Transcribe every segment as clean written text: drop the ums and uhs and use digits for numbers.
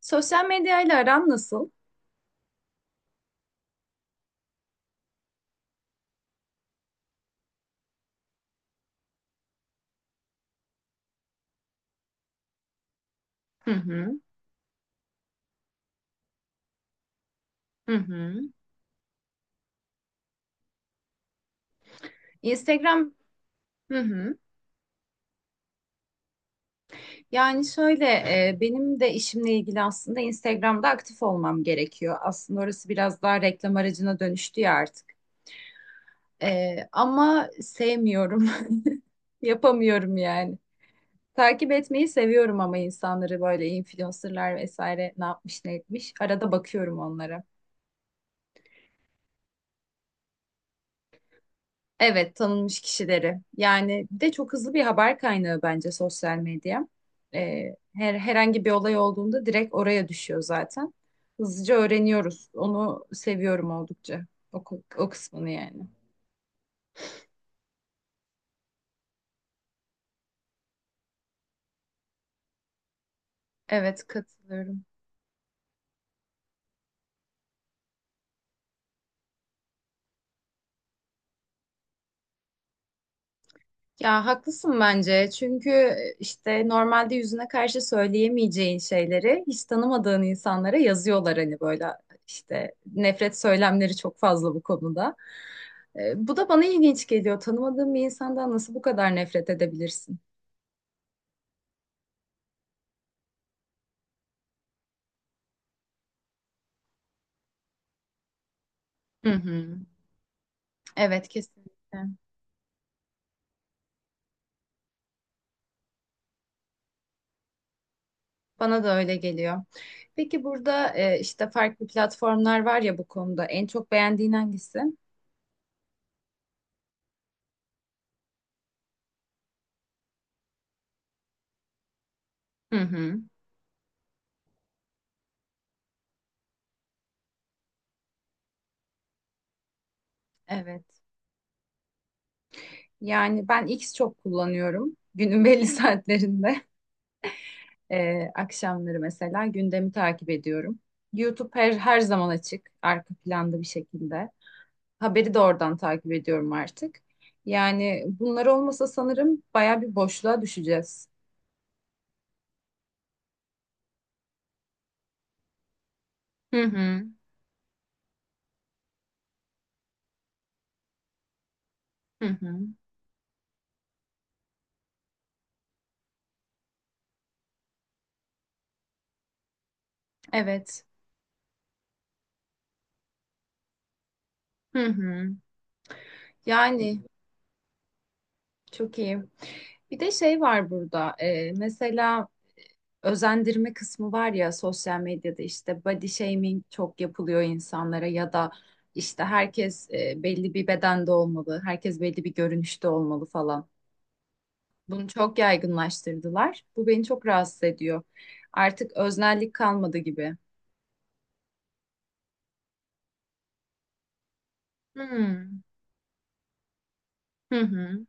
Sosyal medyayla aran nasıl? Hı hı, hı hı, Instagram hı hı. Yani şöyle, benim de işimle ilgili aslında Instagram'da aktif olmam gerekiyor. Aslında orası biraz daha reklam aracına dönüştü ya artık. Ama sevmiyorum. Yapamıyorum yani. Takip etmeyi seviyorum ama insanları böyle influencerlar vesaire ne yapmış ne etmiş. Arada bakıyorum onlara. Evet, tanınmış kişileri. Yani bir de çok hızlı bir haber kaynağı bence sosyal medya. Ee, herhangi bir olay olduğunda direkt oraya düşüyor zaten. Hızlıca öğreniyoruz. Onu seviyorum oldukça. O, o kısmını yani. Evet, katılıyorum. Ya haklısın bence. Çünkü işte normalde yüzüne karşı söyleyemeyeceğin şeyleri hiç tanımadığın insanlara yazıyorlar hani böyle işte nefret söylemleri çok fazla bu konuda. Bu da bana ilginç geliyor. Tanımadığın bir insandan nasıl bu kadar nefret edebilirsin? Hı hı. Evet, kesinlikle. Bana da öyle geliyor. Peki burada işte farklı platformlar var ya bu konuda. En çok beğendiğin hangisi? Hı hı. Evet. Yani ben X çok kullanıyorum. Günün belli saatlerinde. Akşamları mesela gündemi takip ediyorum. YouTube her zaman açık. Arka planda bir şekilde. Haberi de oradan takip ediyorum artık. Yani bunlar olmasa sanırım baya bir boşluğa düşeceğiz. Hı hı. Hı hı. Evet. Hı hı. Yani çok iyi. Bir de şey var burada. Mesela özendirme kısmı var ya sosyal medyada, işte body shaming çok yapılıyor insanlara ya da işte herkes belli bir bedende olmalı, herkes belli bir görünüşte olmalı falan. Bunu çok yaygınlaştırdılar. Bu beni çok rahatsız ediyor. Artık öznellik kalmadı gibi. Hmm. Hı hı.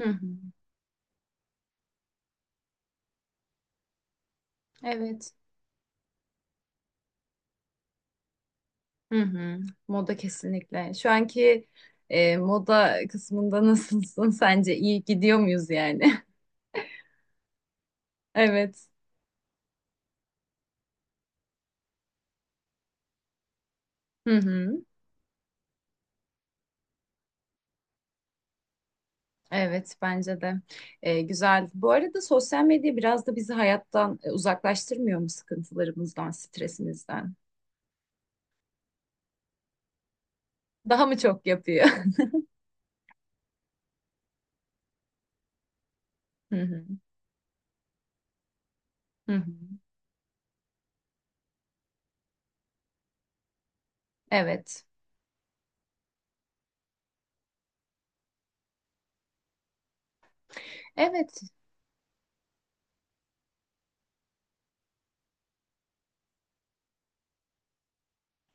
Hı hı. Evet. Hı hı. Moda kesinlikle. Şu anki moda kısmında nasılsın sence? İyi gidiyor muyuz yani? Evet. Hı hı. Evet, bence de. Güzel. Bu arada sosyal medya biraz da bizi hayattan uzaklaştırmıyor mu sıkıntılarımızdan, stresimizden? Daha mı çok yapıyor? Hı hı. Hı hı. Evet. Evet.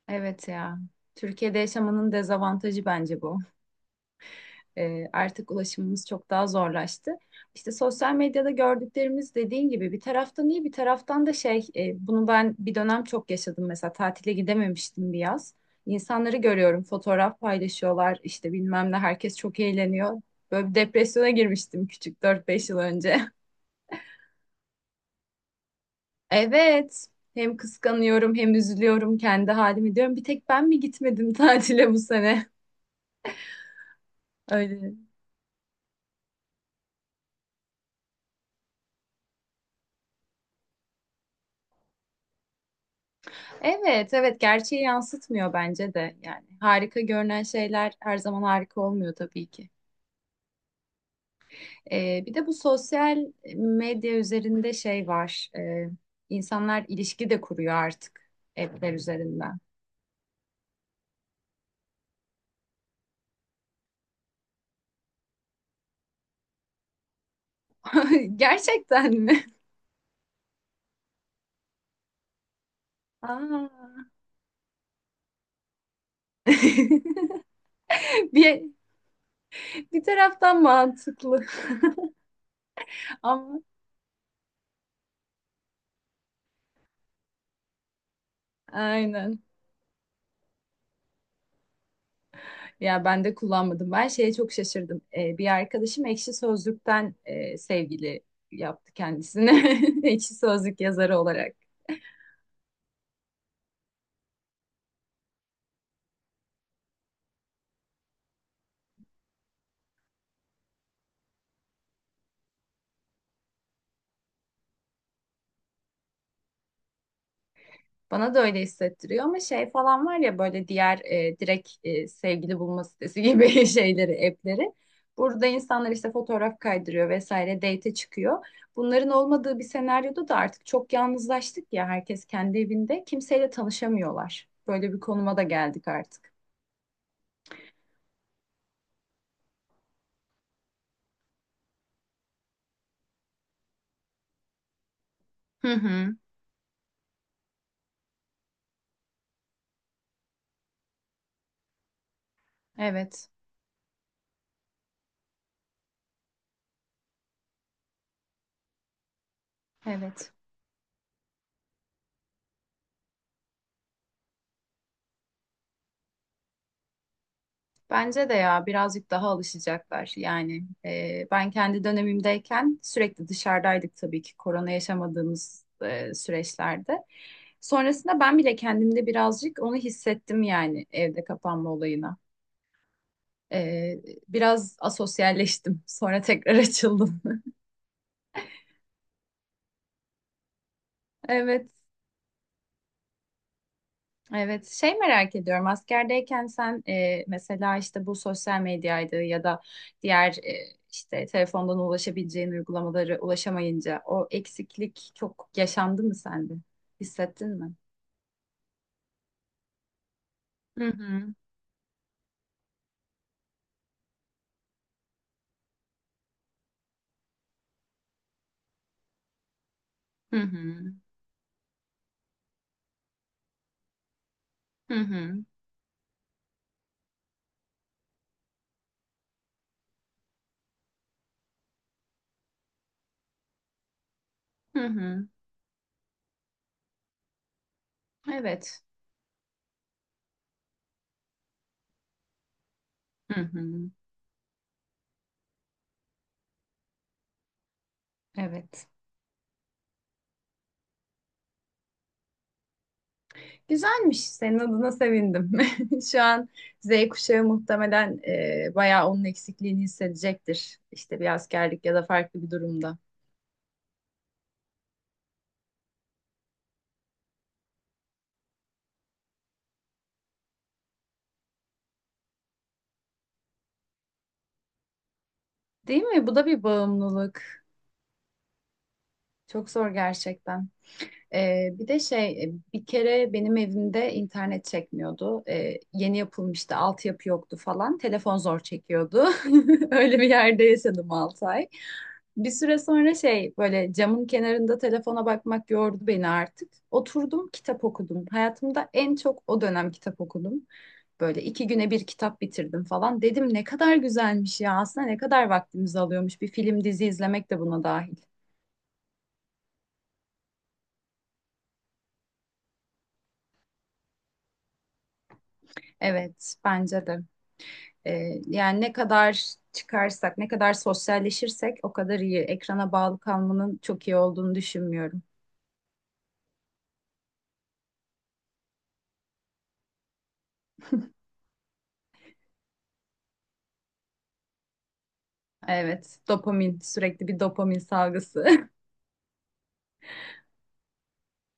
Evet ya. Türkiye'de yaşamanın dezavantajı bence bu. Artık ulaşımımız çok daha zorlaştı. İşte sosyal medyada gördüklerimiz, dediğin gibi, bir taraftan iyi, bir taraftan da şey, bunu ben bir dönem çok yaşadım, mesela tatile gidememiştim bir yaz. İnsanları görüyorum, fotoğraf paylaşıyorlar, işte bilmem ne, herkes çok eğleniyor. Böyle bir depresyona girmiştim küçük, 4-5 yıl önce. Evet, hem kıskanıyorum hem üzülüyorum, kendi halimi diyorum, bir tek ben mi gitmedim tatile bu sene. Öyle. Evet, evet, gerçeği yansıtmıyor bence de, yani harika görünen şeyler her zaman harika olmuyor tabii ki. Bir de bu sosyal medya üzerinde şey var. İnsanlar ilişki de kuruyor artık, app'ler üzerinden. Gerçekten mi? Aa. Bir, bir taraftan mantıklı ama, aynen. Ya ben de kullanmadım. Ben şeye çok şaşırdım. Bir arkadaşım Ekşi Sözlük'ten sevgili yaptı kendisini. Ekşi Sözlük yazarı olarak. Bana da öyle hissettiriyor, ama şey falan var ya, böyle diğer direkt sevgili bulma sitesi gibi şeyleri, app'leri. Burada insanlar işte fotoğraf kaydırıyor vesaire, date'e çıkıyor. Bunların olmadığı bir senaryoda da artık çok yalnızlaştık ya, herkes kendi evinde. Kimseyle tanışamıyorlar. Böyle bir konuma da geldik artık. Hı hı. Evet, evet. Bence de, ya birazcık daha alışacaklar. Yani ben kendi dönemimdeyken sürekli dışarıdaydık tabii ki, korona yaşamadığımız süreçlerde. Sonrasında ben bile kendimde birazcık onu hissettim yani, evde kapanma olayına. Ee, Biraz asosyalleştim. Sonra tekrar açıldım. Evet, evet. Şey, merak ediyorum. Askerdeyken sen mesela işte bu sosyal medyaydı ya da diğer işte telefondan ulaşabileceğin uygulamaları, ulaşamayınca o eksiklik çok yaşandı mı sende? Hissettin mi? Hı hı. Hı hı. Hı hı. Hı hı. Evet. Hı hı. Evet. Güzelmiş. Senin adına sevindim. Şu an Z kuşağı muhtemelen bayağı onun eksikliğini hissedecektir. İşte bir askerlik ya da farklı bir durumda. Değil mi? Bu da bir bağımlılık. Çok zor gerçekten. Bir de şey, bir kere benim evimde internet çekmiyordu. Yeni yapılmıştı, altyapı yoktu falan. Telefon zor çekiyordu. Öyle bir yerde yaşadım 6 ay. Bir süre sonra şey, böyle camın kenarında telefona bakmak yordu beni artık. Oturdum, kitap okudum. Hayatımda en çok o dönem kitap okudum. Böyle 2 güne bir kitap bitirdim falan. Dedim ne kadar güzelmiş ya, aslında ne kadar vaktimizi alıyormuş. Bir film, dizi izlemek de buna dahil. Evet, bence de. Yani ne kadar çıkarsak, ne kadar sosyalleşirsek o kadar iyi. Ekrana bağlı kalmanın çok iyi olduğunu düşünmüyorum. Evet, dopamin, sürekli bir dopamin salgısı.